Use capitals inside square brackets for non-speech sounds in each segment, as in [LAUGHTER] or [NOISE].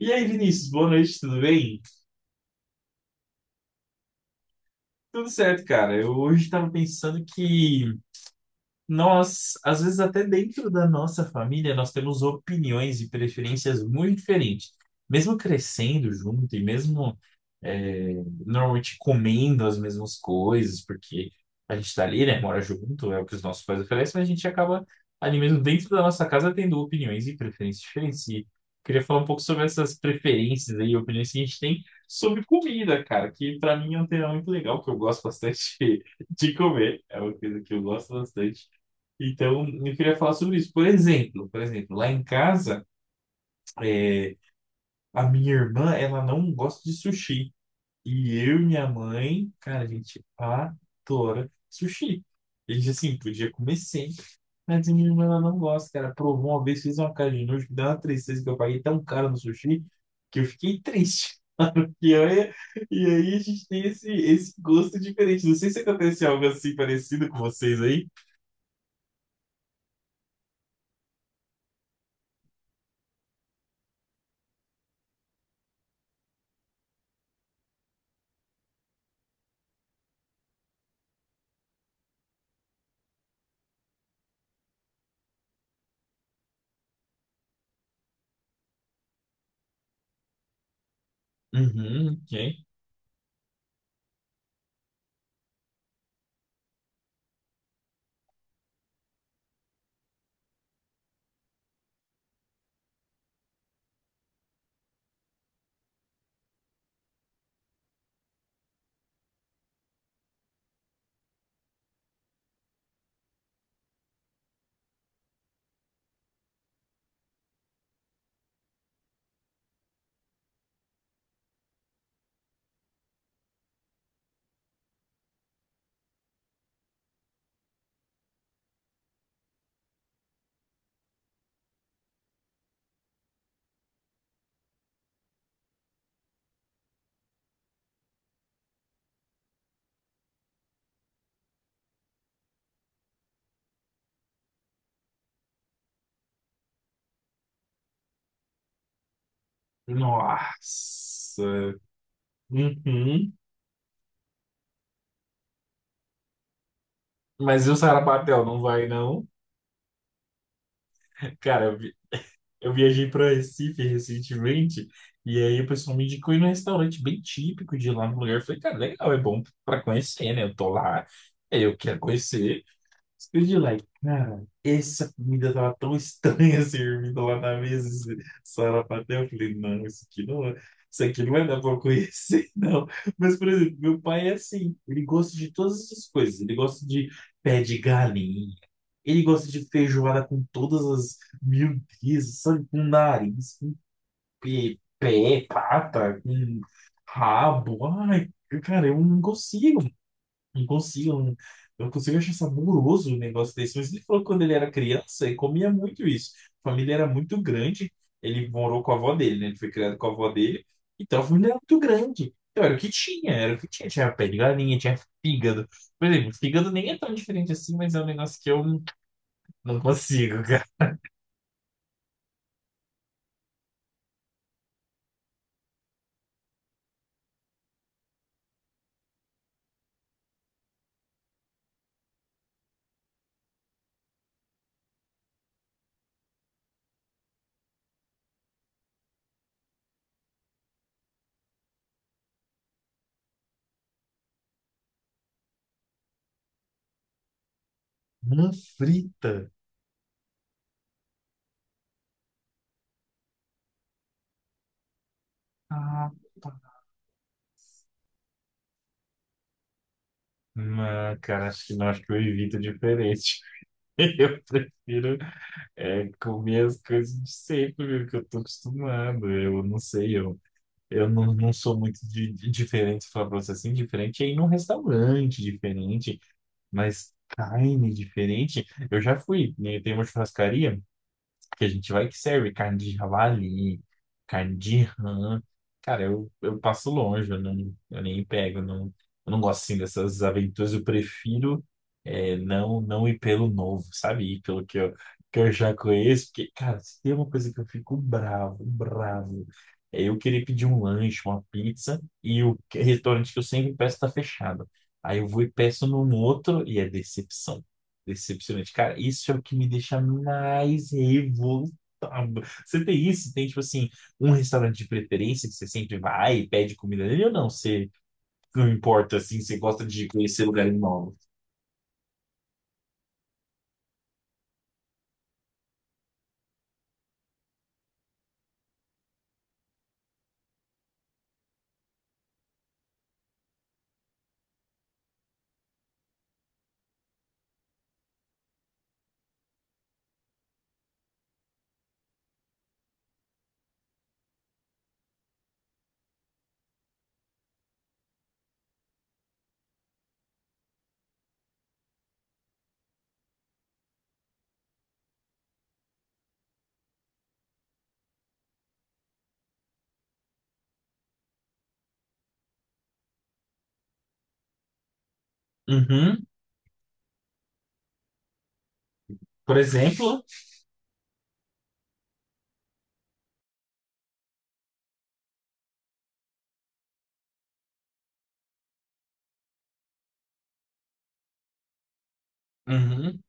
E aí, Vinícius, boa noite, tudo bem? Tudo certo, cara. Eu hoje estava pensando que nós, às vezes, até dentro da nossa família, nós temos opiniões e preferências muito diferentes. Mesmo crescendo junto e mesmo é, normalmente comendo as mesmas coisas, porque a gente está ali, né, mora junto, é o que os nossos pais oferecem, mas a gente acaba ali mesmo dentro da nossa casa tendo opiniões e preferências diferentes. E queria falar um pouco sobre essas preferências aí, opiniões que a gente tem sobre comida, cara, que para mim é um tema muito legal, que eu gosto bastante [LAUGHS] de comer. É uma coisa que eu gosto bastante. Então, eu queria falar sobre isso. Por exemplo, lá em casa, é, a minha irmã, ela não gosta de sushi. E eu e minha mãe, cara, a gente adora sushi. A gente, assim, podia comer sempre. Mas a minha irmã, ela não gosta, cara. Provou uma vez, fez uma cara de nojo, que deu uma tristeza que eu paguei tão caro no sushi que eu fiquei triste. [LAUGHS] E, olha, e aí a gente tem esse gosto diferente. Não sei se acontece algo assim parecido com vocês aí. Uhum, ok. Nossa. Uhum. Mas e o Sarapatel não vai, não? Cara, eu, eu viajei para Recife recentemente e aí o pessoal me indicou ir num restaurante bem típico de lá no lugar. Eu falei, cara, legal, é bom para conhecer, né? Eu tô lá, eu quero conhecer. Speed like, cara, essa comida tava tão estranha servida lá na mesa, esse sarapatel. Eu falei, não, isso aqui não, isso aqui não vai dar pra eu conhecer, [LAUGHS] não. Mas, por exemplo, meu pai é assim, ele gosta de todas essas coisas. Ele gosta de pé de galinha, ele gosta de feijoada com todas as miudezas, sabe? Com nariz, com pé, pata, com rabo. Ai, cara, eu não consigo. Não consigo, não consigo achar saboroso o negócio desse. Mas ele falou que quando ele era criança, ele comia muito isso. A família era muito grande. Ele morou com a avó dele, né? Ele foi criado com a avó dele. Então a família era muito grande. Então era o que tinha, era o que tinha. Tinha pé de galinha, tinha fígado. Por exemplo, fígado nem é tão diferente assim, mas é um negócio que eu não consigo, [LAUGHS] cara. Não frita. Ah, não, cara, acho que não, acho que eu evito diferente. [LAUGHS] Eu prefiro. É comer as coisas de sempre, que eu tô acostumado. Eu não sei, eu não, não sou muito de diferente, se falar pra você assim, diferente é ir num restaurante diferente, mas carne diferente. Eu já fui, né, tem uma churrascaria que a gente vai que serve carne de javali, carne de rã. Cara, eu passo longe, eu, não, eu nem pego, eu não gosto assim dessas aventuras, eu prefiro não, não ir pelo novo, sabe? Ir pelo que eu já conheço, porque, cara, se tem uma coisa que eu fico bravo, bravo. Eu querer pedir um lanche, uma pizza, e restaurante que eu sempre peço tá fechado. Aí eu vou e peço num outro e é decepção. Decepcionante. Cara, isso é o que me deixa mais revoltado. Você tem isso? Tem, tipo assim, um restaurante de preferência que você sempre vai e pede comida nele ou não? Você não importa, assim, você gosta de conhecer lugares novos? Uhum. Por exemplo? Uhum.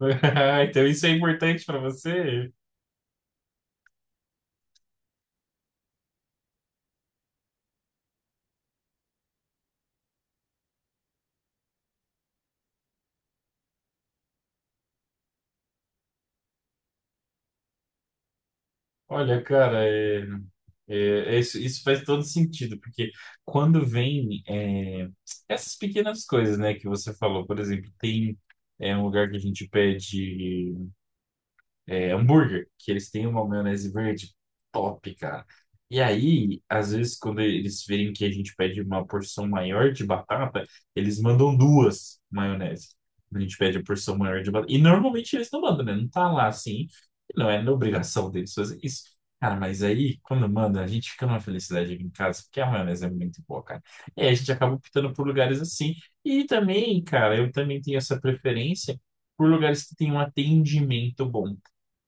[LAUGHS] Então isso é importante pra você? Olha, cara, é... É, é isso, isso faz todo sentido, porque quando vem essas pequenas coisas, né, que você falou, por exemplo, tem um lugar que a gente pede hambúrguer, que eles têm uma maionese verde top, cara. E aí, às vezes, quando eles verem que a gente pede uma porção maior de batata, eles mandam duas maionese. A gente pede a porção maior de batata. E normalmente eles não mandam, né? Não tá lá assim. Não é na obrigação deles fazer isso. Cara, mas aí, quando manda, a gente fica numa felicidade aqui em casa, porque a maionese é muito boa, cara. E aí a gente acaba optando por lugares assim. E também, cara, eu também tenho essa preferência por lugares que têm um atendimento bom.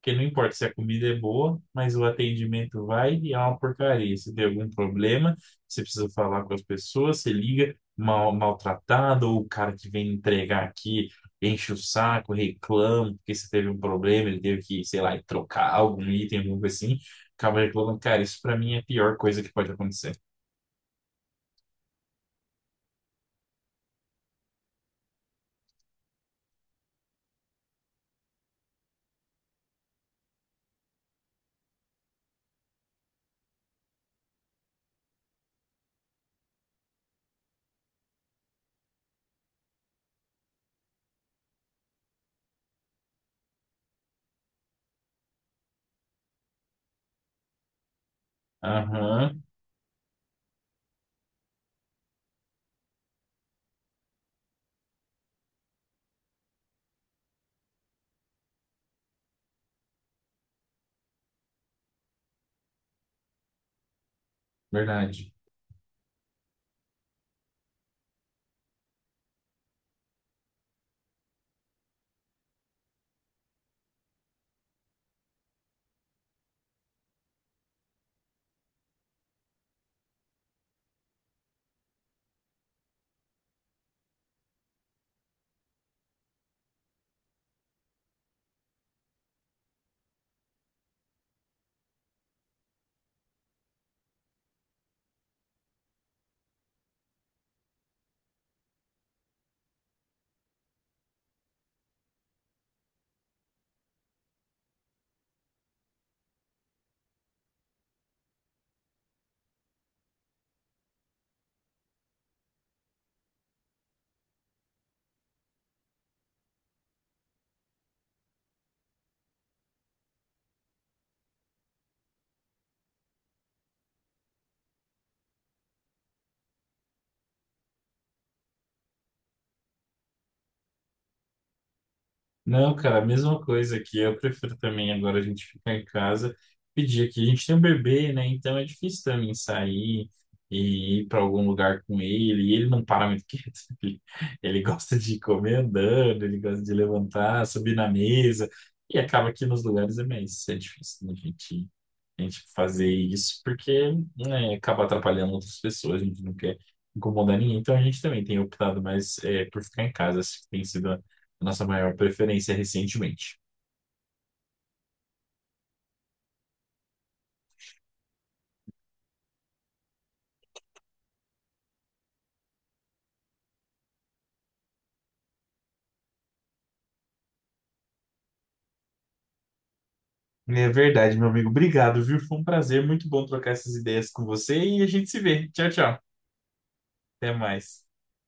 Porque não importa se a comida é boa, mas o atendimento vai e é uma porcaria. Se tem algum problema, você precisa falar com as pessoas, você liga mal, maltratado, ou o cara que vem entregar aqui enche o saco, reclama, porque você teve um problema, ele teve que, sei lá, trocar algum item, alguma coisa assim, acaba reclamando. Cara, isso pra mim é a pior coisa que pode acontecer. Aham, verdade. Não, cara, a mesma coisa aqui. Eu prefiro também agora a gente ficar em casa, pedir aqui. A gente tem um bebê, né? Então é difícil também sair e ir para algum lugar com ele. E ele não para muito quieto. [LAUGHS] Ele, ele gosta de comer andando, ele gosta de levantar, subir na mesa. E acaba que nos lugares é mais é difícil né, a gente fazer isso, porque né, acaba atrapalhando outras pessoas. A gente não quer incomodar ninguém. Então a gente também tem optado mais por ficar em casa. Acho que tem sido a nossa maior preferência recentemente. É verdade, meu amigo. Obrigado, viu? Foi um prazer, muito bom trocar essas ideias com você e a gente se vê. Tchau, tchau. Até mais.